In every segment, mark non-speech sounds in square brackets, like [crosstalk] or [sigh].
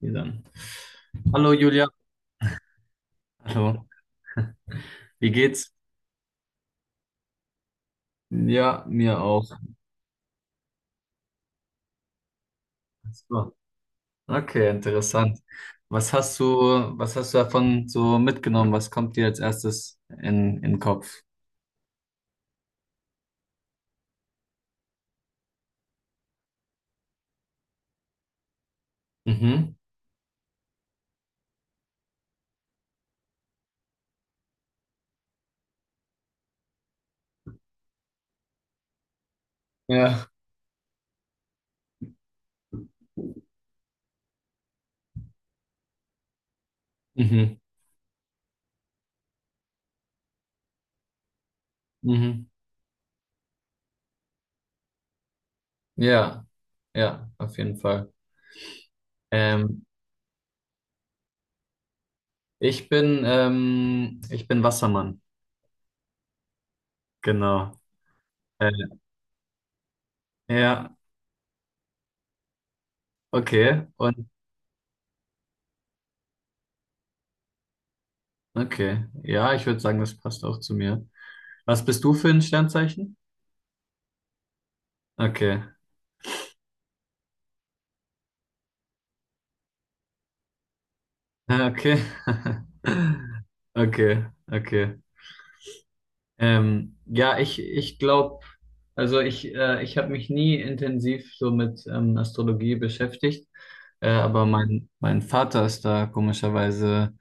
Ja, dann. Hallo Julia. Hallo. Wie geht's? Ja, mir auch. So. Okay, interessant. Was hast du, was hast du davon so mitgenommen? Was kommt dir als erstes in den Kopf? Mhm. Ja, Mhm. Mhm. Ja, ja, auf jeden Fall. Ähm, ich bin Wassermann. Genau. Äh, ja, okay. Und okay. Ja, ich würde sagen, das passt auch zu mir. Was bist du für ein Sternzeichen? Okay. Ah, okay. [laughs] Okay, okay. Ja, ich glaube, also ich habe mich nie intensiv so mit Astrologie beschäftigt, aber mein Vater ist da komischerweise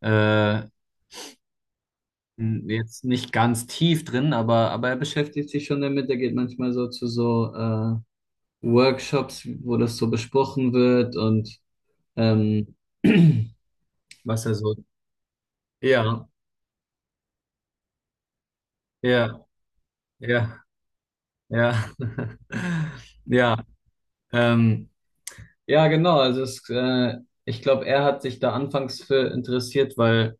äh, jetzt nicht ganz tief drin, aber er beschäftigt sich schon damit. Er geht manchmal so zu so Workshops, wo das so besprochen wird und ähm, [clears throat] was er so. Ja, ja, ja. Ja, [laughs] ja, ähm, ja, genau. Also ich glaube, er hat sich da anfangs für interessiert,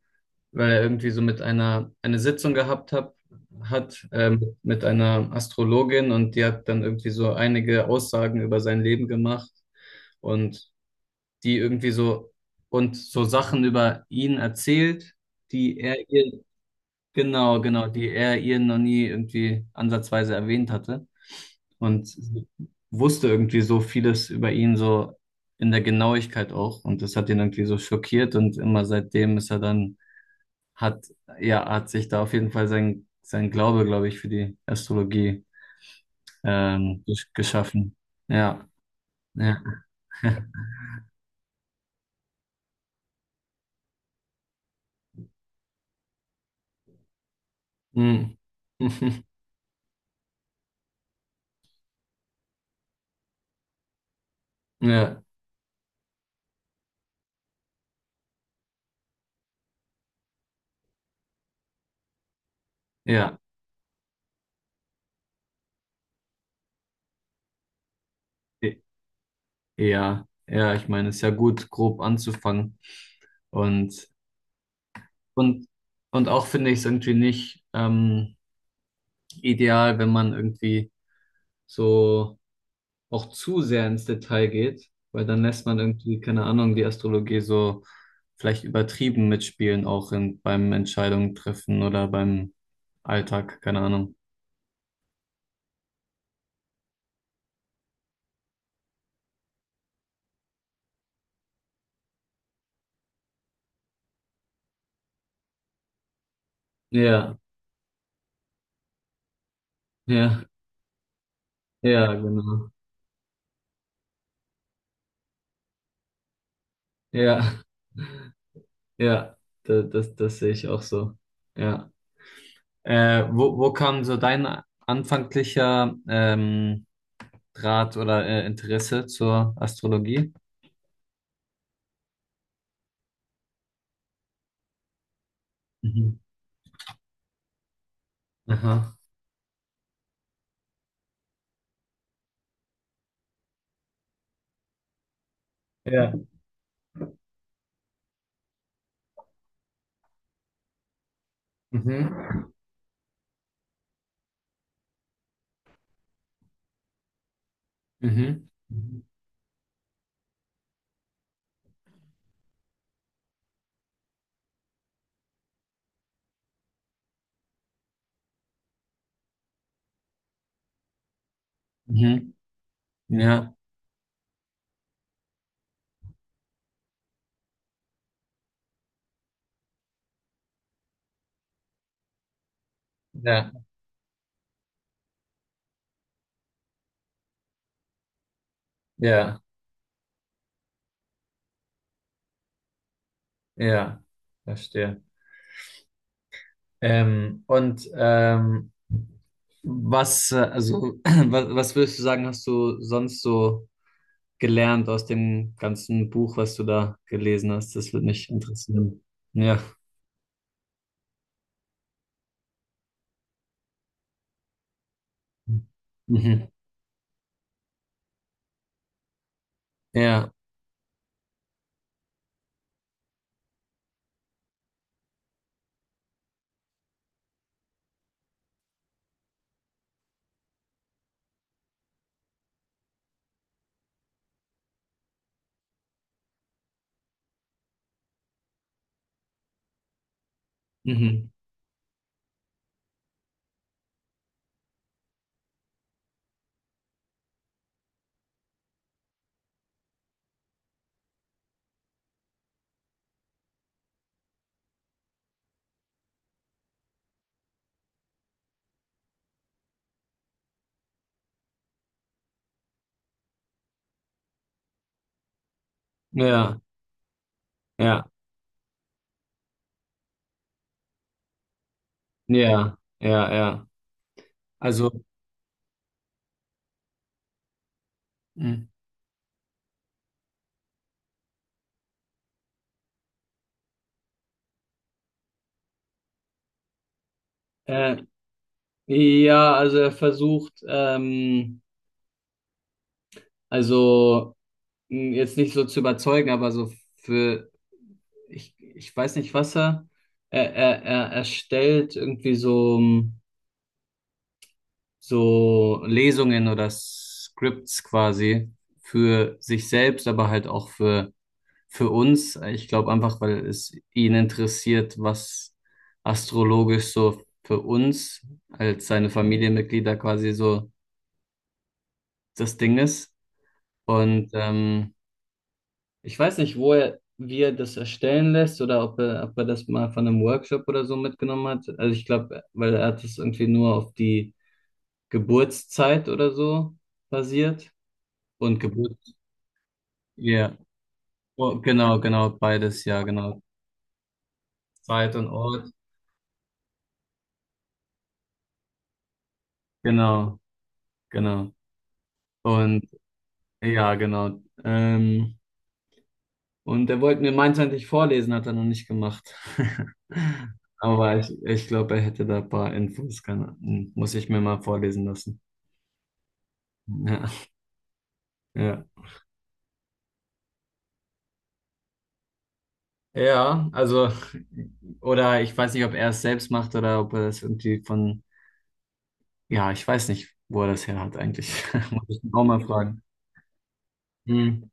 weil er irgendwie so mit einer eine Sitzung gehabt hat mit einer Astrologin und die hat dann irgendwie so einige Aussagen über sein Leben gemacht und die irgendwie so und so Sachen über ihn erzählt, die er ihr. Genau, genau, die er ihr noch nie irgendwie ansatzweise erwähnt hatte. Und sie wusste irgendwie so vieles über ihn, so in der Genauigkeit auch. Und das hat ihn irgendwie so schockiert. Und immer seitdem ist er dann, hat, ja, hat sich da auf jeden Fall sein Glaube, glaube ich, für die Astrologie geschaffen. Ja, ja. Hm. [laughs] Ja, ja, ja, ja, ich meine, es ist ja gut, grob anzufangen. Und Und, und auch finde ich es irgendwie nicht ideal, wenn man irgendwie so auch zu sehr ins Detail geht, weil dann lässt man irgendwie, keine Ahnung, die Astrologie so vielleicht übertrieben mitspielen, auch beim Entscheidungen treffen oder beim Alltag, keine Ahnung. Ja, ja, ja, genau. Ja, ja, das sehe ich auch so. Ja. Wo kam so dein anfänglicher Draht oder Interesse zur Astrologie? Mhm. Aha. Ja. Mhm. Mhm. Mhm. Ja, ja, ja, ja, verstehe. Ähm, und ähm, also, [clears throat] was würdest du sagen, hast du sonst so gelernt aus dem ganzen Buch, was du da gelesen hast? Das würde mich interessieren. Ja. Mhm. Ja. Mhm. Ja. Ja. Ja. Ja. Ja. Also. Mhm. Äh, ja, also er versucht, also jetzt nicht so zu überzeugen, aber so für, ich weiß nicht, was er, er erstellt irgendwie so, so Lesungen oder Scripts quasi für sich selbst, aber halt auch für uns. Ich glaube einfach, weil es ihn interessiert, was astrologisch so für uns als seine Familienmitglieder quasi so das Ding ist. Und ich weiß nicht, wie er das erstellen lässt oder ob er das mal von einem Workshop oder so mitgenommen hat. Also ich glaube, weil er hat das irgendwie nur auf die Geburtszeit oder so basiert. Und ja, oh, genau, genau, beides, ja, genau. Zeit und Ort, genau, genau. Und ja, genau. Und er wollte mir meins eigentlich vorlesen, hat er noch nicht gemacht. [laughs] Aber ich glaube, er hätte da ein paar Infos. Muss ich mir mal vorlesen lassen. Ja, ja. Ja, also, oder ich weiß nicht, ob er es selbst macht oder ob er das irgendwie ja, ich weiß nicht, wo er das her hat eigentlich. [laughs] Muss ich ihn auch mal fragen. Hm.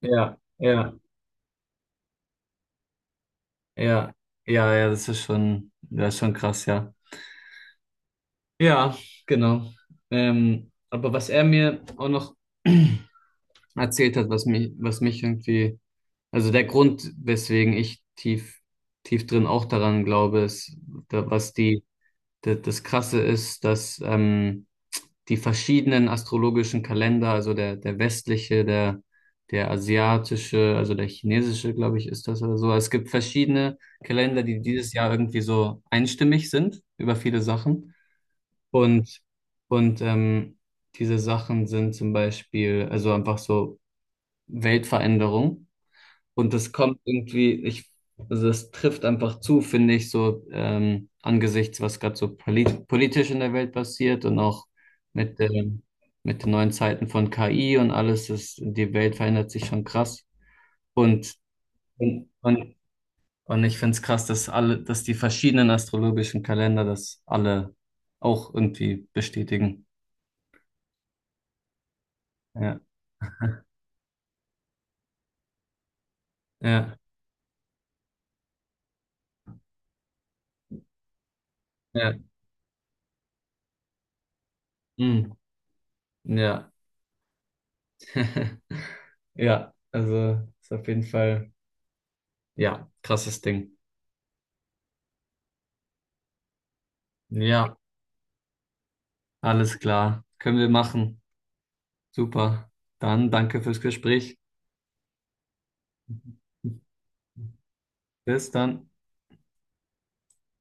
Ja, ja, ja, ja, ja, das ist schon krass, ja. Ja, genau. Aber was er mir auch noch [clears throat] erzählt hat, was mich irgendwie, also der Grund, weswegen ich tief drin auch daran glaube, ist, da, was die, da, das Krasse ist, dass die verschiedenen astrologischen Kalender, der westliche, der asiatische, also der chinesische, glaube ich, ist das oder so. Es gibt verschiedene Kalender, die dieses Jahr irgendwie so einstimmig sind über viele Sachen. Und, und ähm, diese Sachen sind zum Beispiel, also einfach so Weltveränderung. Und das kommt irgendwie, also das trifft einfach zu, finde ich, so angesichts, was gerade so politisch in der Welt passiert und auch mit dem, mit den neuen Zeiten von KI und alles, ist, die Welt verändert sich schon krass. Und, und, und, und ich finde es krass, dass alle, dass die verschiedenen astrologischen Kalender das alle auch irgendwie bestätigen. Ja, ja, ja, mm, ja. [laughs] Ja, also ist auf jeden Fall. Ja, krasses Ding. Ja, alles klar. Können wir machen. Super. Dann danke fürs Gespräch. Bis dann.